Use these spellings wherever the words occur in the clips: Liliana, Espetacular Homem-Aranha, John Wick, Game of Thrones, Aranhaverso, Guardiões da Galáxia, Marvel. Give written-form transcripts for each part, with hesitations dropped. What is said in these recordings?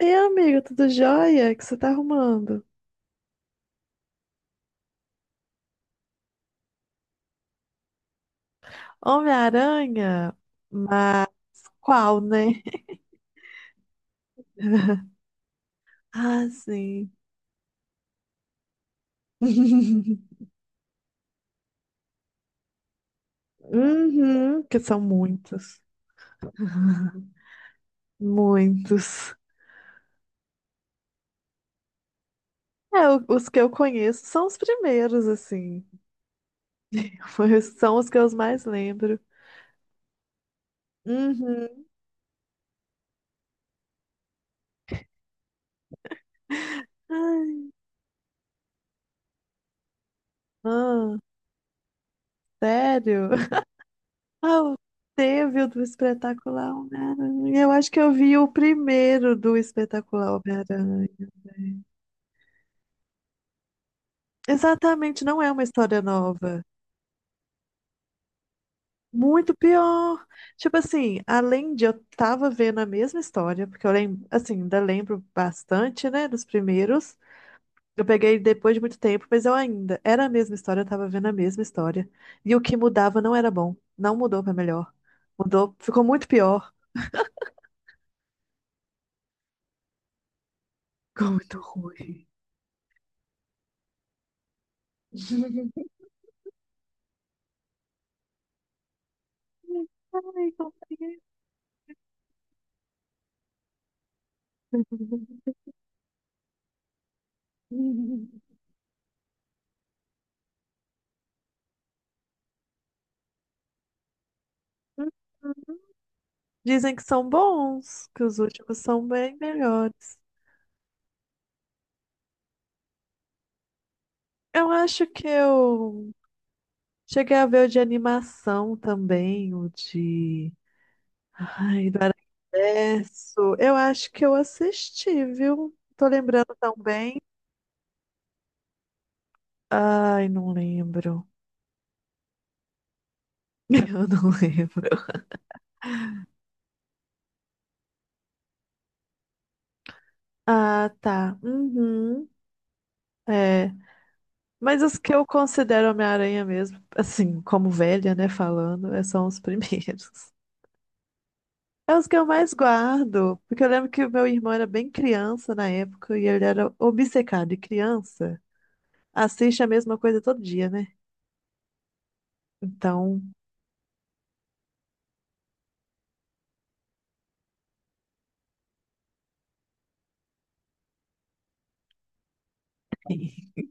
E amigo, tudo jóia? O que você tá arrumando? Homem-Aranha? Mas qual, né? Ah, sim. Uhum, que são muitos. Muitos. É, os que eu conheço são os primeiros, assim. São os que eu mais lembro. Uhum. Ai, ah, sério? Ah, o- Teve o do Espetacular Homem-Aranha. Eu acho que eu vi o primeiro do Espetacular Homem-Aranha. Exatamente, não é uma história nova. Muito pior. Tipo assim, além de eu tava vendo a mesma história, porque eu lembro, assim, ainda lembro bastante, né, dos primeiros. Eu peguei depois de muito tempo, mas eu ainda era a mesma história, eu tava vendo a mesma história. E o que mudava não era bom, não mudou pra melhor. Mudou, ficou muito pior, ficou muito ruim. Ai, como é? Dizem que são bons, que os últimos são bem melhores. Eu acho que eu cheguei a ver o de animação também, o de. Ai, do Aranhaverso. Eu acho que eu assisti, viu? Tô lembrando tão bem. Ai, não lembro. Eu não lembro. Ah, tá. Uhum. É. Mas os que eu considero Homem-Aranha mesmo, assim, como velha, né, falando, são os primeiros. É os que eu mais guardo, porque eu lembro que o meu irmão era bem criança na época e ele era obcecado. E criança assiste a mesma coisa todo dia, né? Então.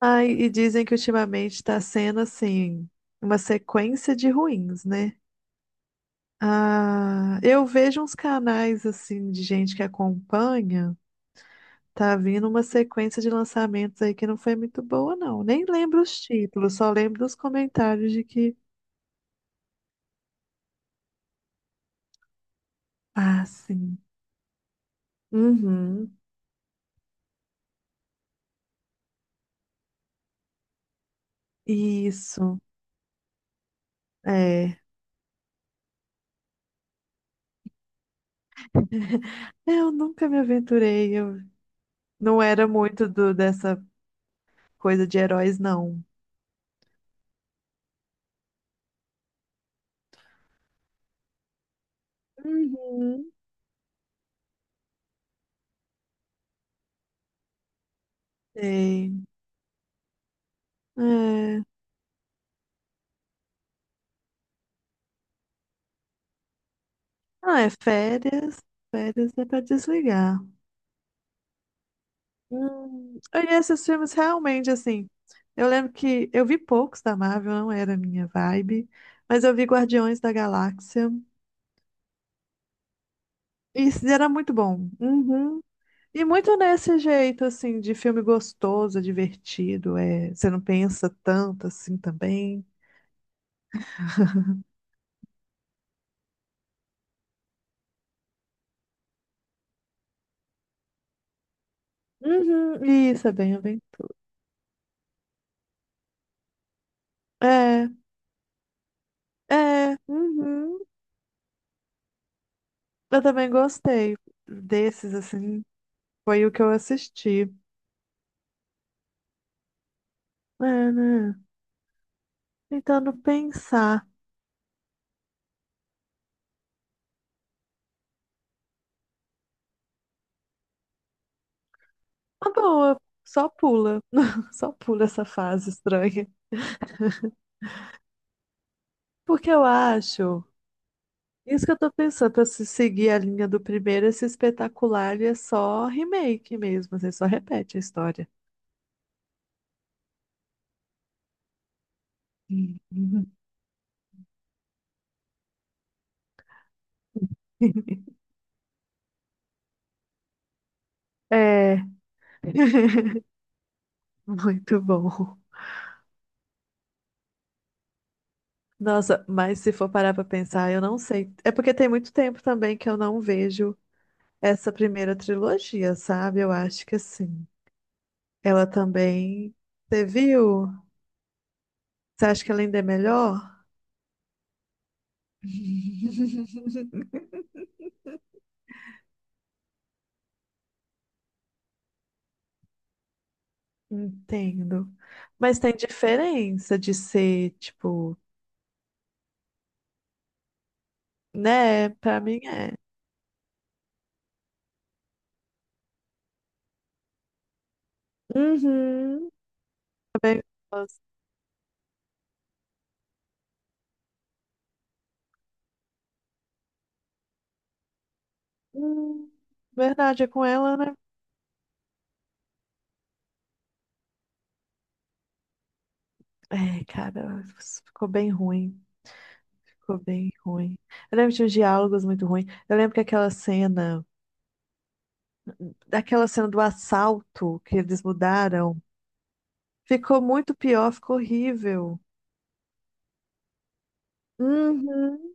Ai, e dizem que ultimamente está sendo assim, uma sequência de ruins, né? Ah, eu vejo uns canais assim de gente que acompanha, tá vindo uma sequência de lançamentos aí que não foi muito boa, não. Nem lembro os títulos, só lembro dos comentários de que. Ah, sim. Uhum. Isso, é. É, eu nunca me aventurei, eu não era muito do, dessa coisa de heróis, não. Uhum. Sei. É. Ah, é férias. Férias é pra desligar. Hum. E esses filmes realmente, assim, eu lembro que eu vi poucos da Marvel, não era a minha vibe, mas eu vi Guardiões da Galáxia. E isso era muito bom. Uhum. E muito nesse jeito, assim, de filme gostoso, divertido, é, você não pensa tanto assim também. Uhum, isso, é bem, é bem. É, é, uhum. Eu também gostei desses, assim, foi o que eu assisti. É, né? Tentando pensar. Uma boa, só pula, só pula essa fase estranha. Porque eu acho isso que eu tô pensando, pra se seguir a linha do primeiro, esse espetacular ele é só remake mesmo, você só repete a história. Uhum. É, muito bom. Nossa, mas se for parar pra pensar, eu não sei. É porque tem muito tempo também que eu não vejo essa primeira trilogia, sabe? Eu acho que assim. Ela também. Você viu? Você acha que ela ainda é melhor? Entendo. Mas tem diferença de ser, tipo. Né? Pra mim é. Uhum. Também gosto. Hum, verdade, é com ela, né? É, cara, ficou bem ruim. Ficou bem ruim. Eu lembro de uns diálogos muito ruins. Eu lembro que aquela cena, daquela cena do assalto que eles mudaram, ficou muito pior, ficou horrível. Uhum.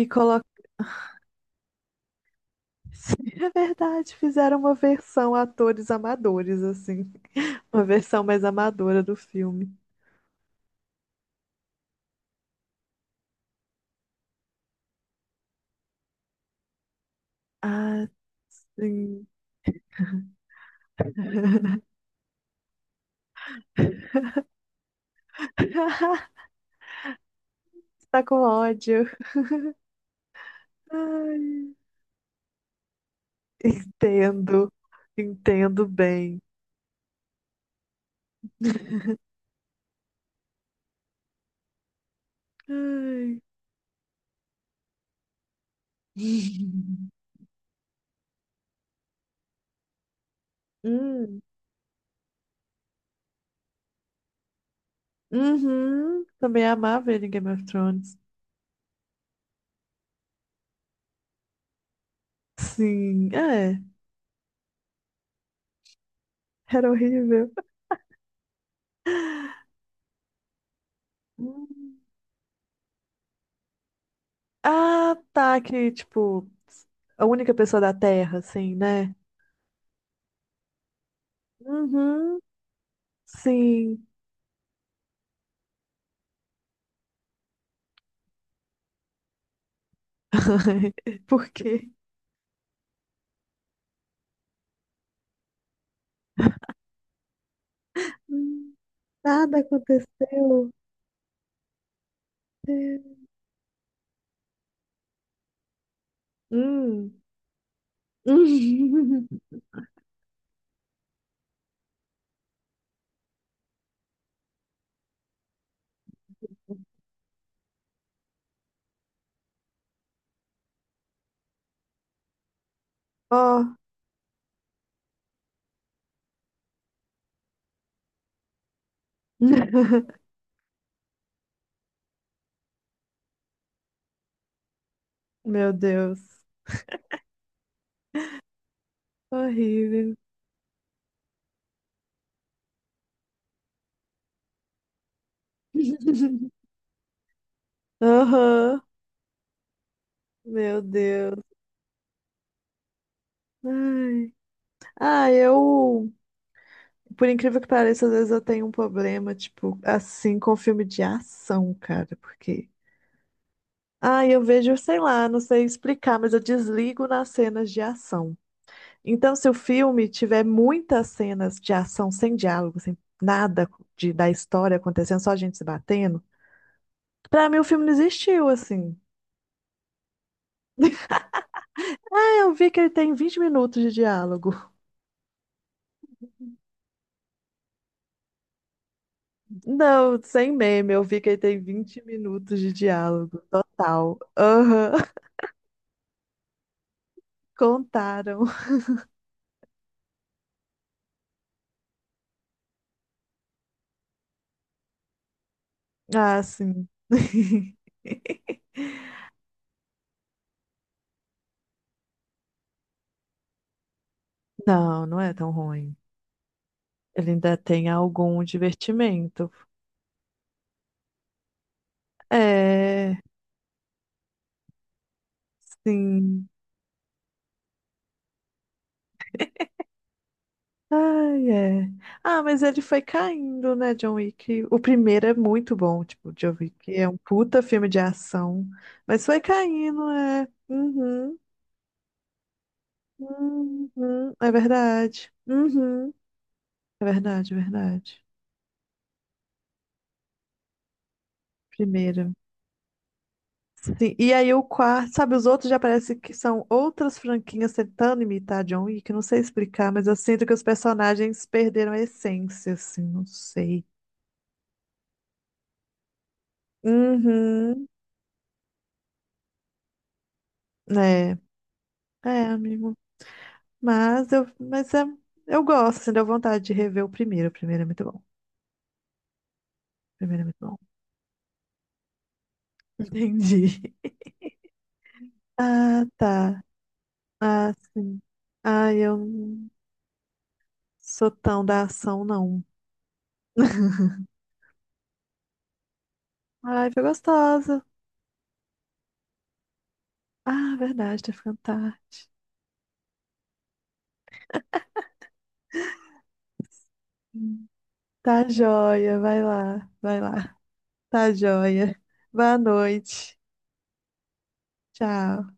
E coloca. Sim, é verdade, fizeram uma versão atores amadores, assim. Uma versão mais amadora do filme. Ah, sim. Tá com ódio. Ai, entendo. Entendo bem. Ai. Hum. Uhum. Também amava ele em Game of Thrones. Sim, é. Era horrível. Hum. Ah, tá. Que, tipo, a única pessoa da Terra, assim, né? Uhum. Sim. Por quê? Hum, Nada aconteceu. Hum. Ó. Meu Deus. Horrível. Aham. Meu Deus. Ai. Ah, por incrível que pareça, às vezes eu tenho um problema, tipo, assim, com filme de ação, cara, porque. Ah, eu vejo, sei lá, não sei explicar, mas eu desligo nas cenas de ação. Então, se o filme tiver muitas cenas de ação sem diálogo, sem nada de, da história acontecendo, só a gente se batendo, pra mim o filme não existiu, assim. Ah, eu vi que ele tem 20 minutos de diálogo. Não, sem meme, eu vi que ele tem 20 minutos de diálogo total. Aham, contaram. Ah, sim. Não, não é tão ruim. Ele ainda tem algum divertimento. É, sim. Ai, é. Ah, mas ele foi caindo, né, John Wick? O primeiro é muito bom, tipo, John Wick é um puta filme de ação. Mas foi caindo, é. Uhum, uhum, é verdade. Uhum. É verdade, é verdade. Primeira. Sim, e aí o quarto, sabe, os outros já parece que são outras franquinhas tentando imitar John Wick, não sei explicar, mas eu sinto que os personagens perderam a essência, assim, não sei. Uhum, é, é, amigo. Mas eu gosto, assim, deu vontade de rever o primeiro é muito bom, o primeiro é muito bom. Entendi. Ah, tá. Ah, sim. Ah, eu não sou tão da ação, não. Ai, foi gostosa. Ah, verdade, tá ficando tarde. Hum. Tá joia, vai lá, vai lá. Tá joia. Boa noite. Tchau.